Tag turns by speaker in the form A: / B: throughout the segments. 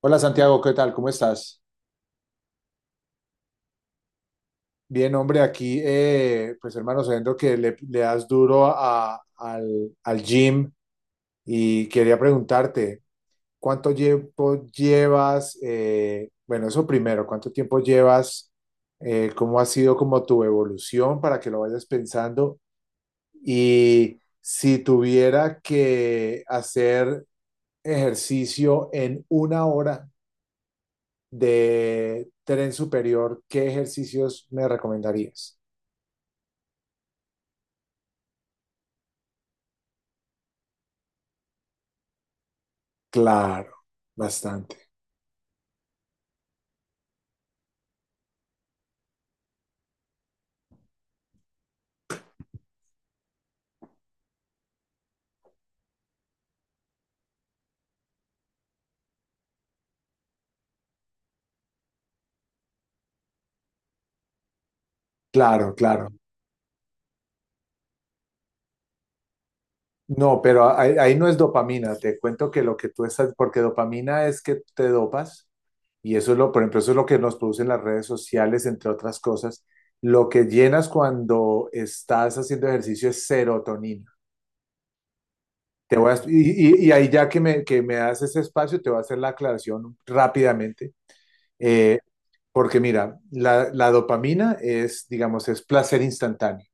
A: Hola Santiago, ¿qué tal? ¿Cómo estás? Bien, hombre, aquí, pues hermano, sabiendo que le das duro al gym y quería preguntarte, ¿cuánto tiempo llevas? Bueno, eso primero, ¿cuánto tiempo llevas? ¿Cómo ha sido como tu evolución para que lo vayas pensando? Y si tuviera que hacer ejercicio en 1 hora, de tren superior, ¿qué ejercicios me recomendarías? Claro, bastante. Claro, claro. No, pero ahí no es dopamina. Te cuento que lo que tú estás, porque dopamina es que te dopas y eso es lo, por ejemplo, eso es lo que nos producen las redes sociales, entre otras cosas. Lo que llenas cuando estás haciendo ejercicio es serotonina. Te voy a- y ahí ya que me das ese espacio, te voy a hacer la aclaración rápidamente. Eh, Porque mira, la dopamina es, digamos, es placer instantáneo.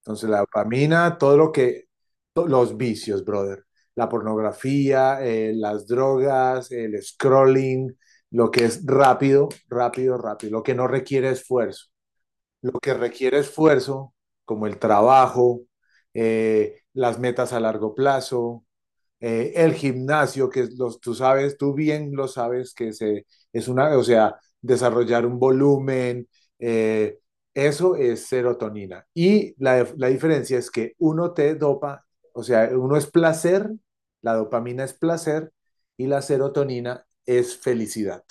A: Entonces, la dopamina, todo lo que, los vicios, brother, la pornografía, las drogas, el scrolling, lo que es rápido, rápido, rápido, lo que no requiere esfuerzo. Lo que requiere esfuerzo, como el trabajo, las metas a largo plazo, el gimnasio, que los, tú sabes, tú bien lo sabes, que se, es una, o sea, desarrollar un volumen, eh, eso es serotonina. Y la diferencia es que uno te dopa, o sea, uno es placer, la dopamina es placer y la serotonina es felicidad.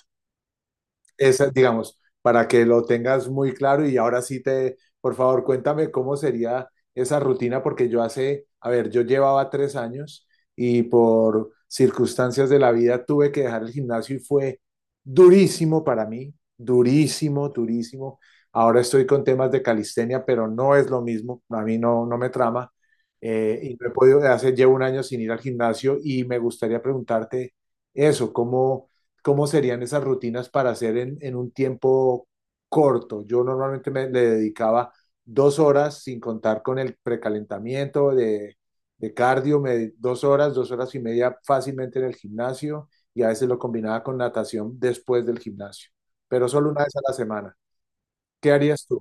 A: Esa, digamos, para que lo tengas muy claro y ahora sí te, por favor, cuéntame cómo sería esa rutina, porque yo a ver, yo llevaba 3 años y por circunstancias de la vida tuve que dejar el gimnasio y fue durísimo para mí, durísimo, durísimo. Ahora estoy con temas de calistenia, pero no es lo mismo, a mí no, no me trama. Y no he podido, llevo 1 año sin ir al gimnasio y me gustaría preguntarte eso, cómo serían esas rutinas para hacer en un tiempo corto. Yo normalmente me le dedicaba 2 horas sin contar con el precalentamiento de cardio, dos horas, 2 horas y media fácilmente en el gimnasio y a veces lo combinaba con natación después del gimnasio, pero solo una vez a la semana. ¿Qué harías tú?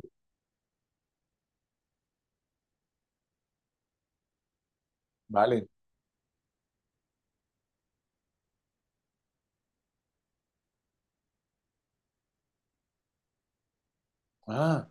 A: Vale. Ah.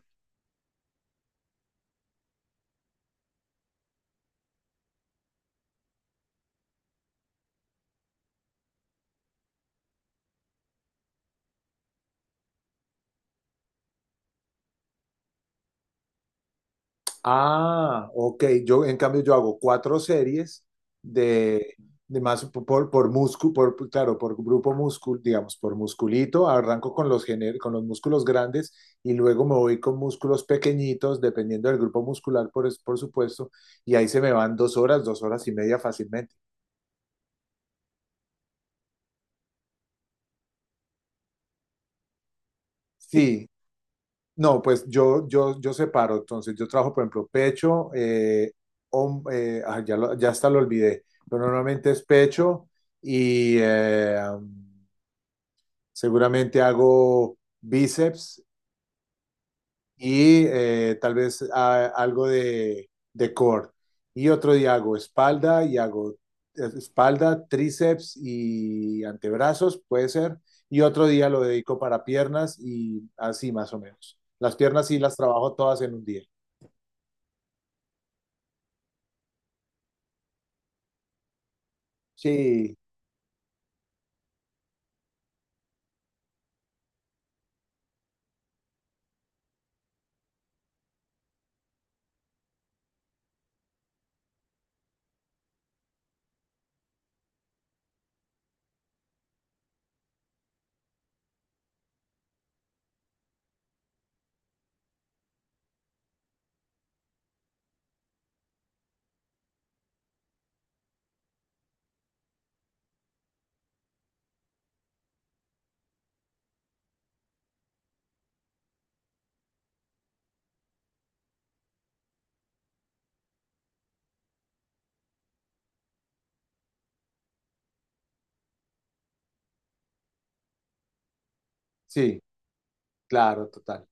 A: Ah, ok. Yo, en cambio, yo hago cuatro series de, de más por músculo, claro, por grupo músculo, digamos, por musculito. Arranco con los músculos grandes y luego me voy con músculos pequeñitos, dependiendo del grupo muscular, por, por supuesto. Y ahí se me van 2 horas, dos horas y media fácilmente. Sí, no, pues yo separo, entonces yo trabajo, por ejemplo, pecho, ya, ya hasta lo olvidé, pero normalmente es pecho y seguramente hago bíceps y tal vez algo de core. Y otro día hago espalda y hago espalda, tríceps y antebrazos, puede ser. Y otro día lo dedico para piernas y así más o menos. Las piernas sí las trabajo todas en un día. Sí, sí, claro, total.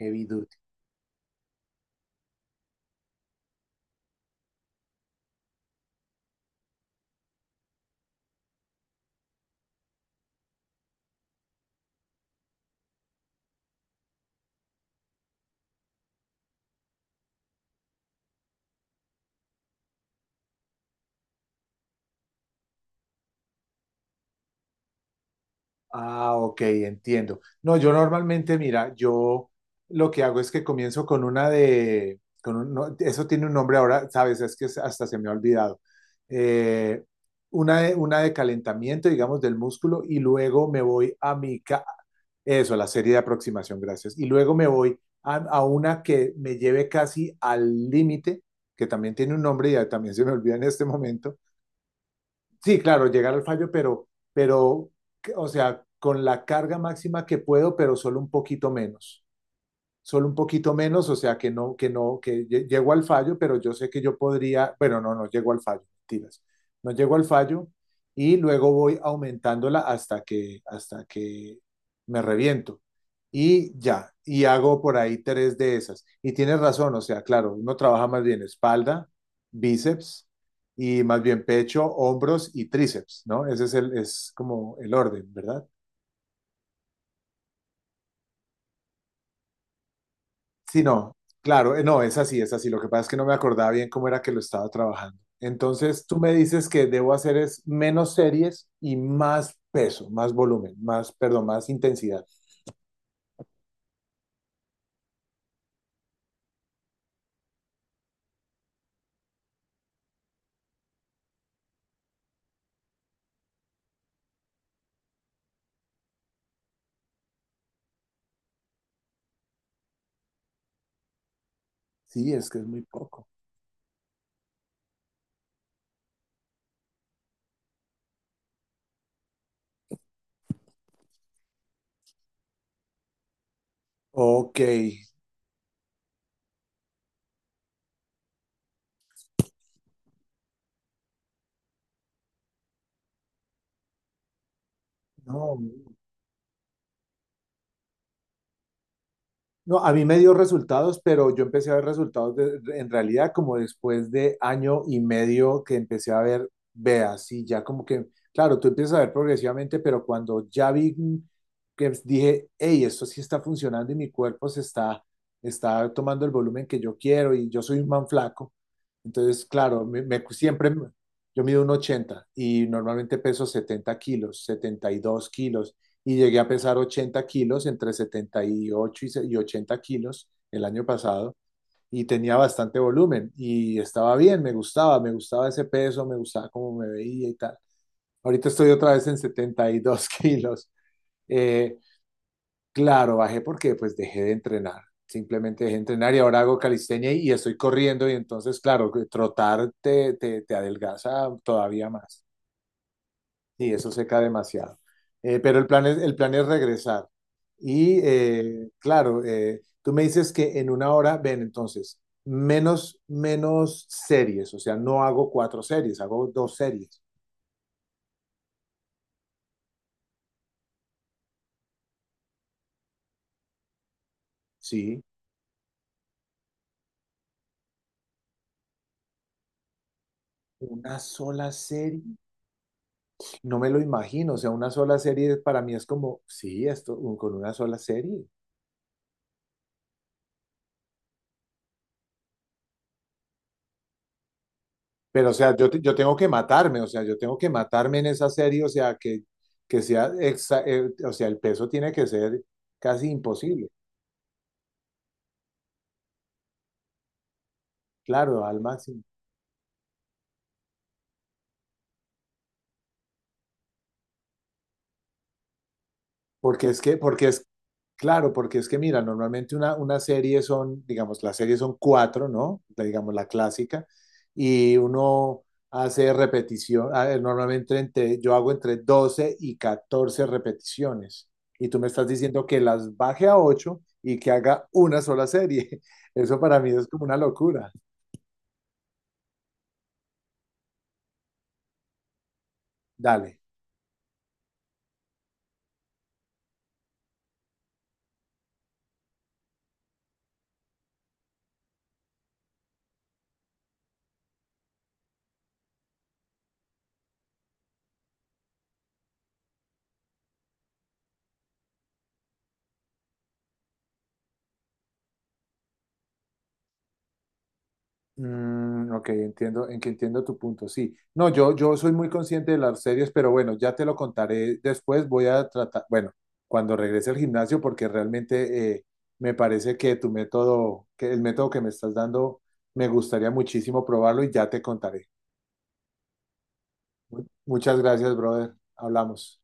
A: Heavy duty. Ah, ok, entiendo. No, yo normalmente, mira, yo lo que hago es que comienzo con una de, con un- no, eso tiene un nombre ahora, sabes, es que hasta se me ha olvidado. Eh, una de calentamiento, digamos, del músculo y luego me voy a mi, eso, la serie de aproximación, gracias. Y luego me voy a una que me lleve casi al límite, que también tiene un nombre y ya también se me olvida en este momento. Sí, claro, llegar al fallo, o sea, con la carga máxima que puedo, pero solo un poquito menos solo un poquito menos, o sea que no, que no, que llego al fallo, pero yo sé que yo podría, bueno, no, no llego al fallo, mentiras, no llego al fallo y luego voy aumentándola hasta que me reviento. Y ya, y hago por ahí tres de esas. Y tienes razón, o sea, claro, uno trabaja más bien espalda, bíceps y más bien pecho, hombros y tríceps, ¿no? Ese es el, es como el orden, ¿verdad? Sí, no, claro, no, es así, es así. Lo que pasa es que no me acordaba bien cómo era que lo estaba trabajando. Entonces, tú me dices que debo hacer es menos series y más peso, más volumen, más, perdón, más intensidad. Sí, es que es muy poco. Ok, no. No, a mí me dio resultados, pero yo empecé a ver resultados en realidad como después de año y medio que empecé a ver, veas, y ya como que, claro, tú empiezas a ver progresivamente, pero cuando ya vi que dije, hey, esto sí está funcionando y mi cuerpo se está, está tomando el volumen que yo quiero y yo soy un man flaco. Entonces, claro, siempre, yo mido 1,80 y normalmente peso 70 kilos, 72 kilos, y llegué a pesar 80 kilos, entre setenta y, ocho y, y 80 kilos el año pasado, y tenía bastante volumen y estaba bien, me gustaba ese peso, me gustaba cómo me veía y tal. Ahorita estoy otra vez en 72 kilos. Eh, Claro, bajé porque pues dejé de entrenar. Simplemente dejé de entrenar y ahora hago calistenia y estoy corriendo y entonces, claro, que trotar te adelgaza todavía más y eso seca demasiado. Pero el plan es regresar. Y claro, tú me dices que en 1 hora, ven, entonces, menos, menos series, o sea, no hago cuatro series, hago dos series. Sí, una sola serie. No me lo imagino, o sea, una sola serie para mí es como, sí, esto con una sola serie. Pero, o sea, yo, yo tengo que matarme, o sea, yo tengo que matarme en esa serie, o sea, que sea, o sea, el peso tiene que ser casi imposible, claro, al máximo. Porque es que, porque es Claro, porque es que mira, normalmente una serie son, digamos, las series son cuatro, ¿no? Digamos, la clásica, y uno hace repetición, a ver, normalmente yo hago entre 12 y 14 repeticiones, y tú me estás diciendo que las baje a 8 y que haga una sola serie. Eso para mí es como una locura. Dale. Mm, ok, entiendo, en que entiendo tu punto, sí. No, yo soy muy consciente de las series, pero bueno, ya te lo contaré después. Voy a tratar, bueno, cuando regrese al gimnasio, porque realmente me parece que tu método, que el método que me estás dando, me gustaría muchísimo probarlo y ya te contaré. Muchas gracias, brother. Hablamos.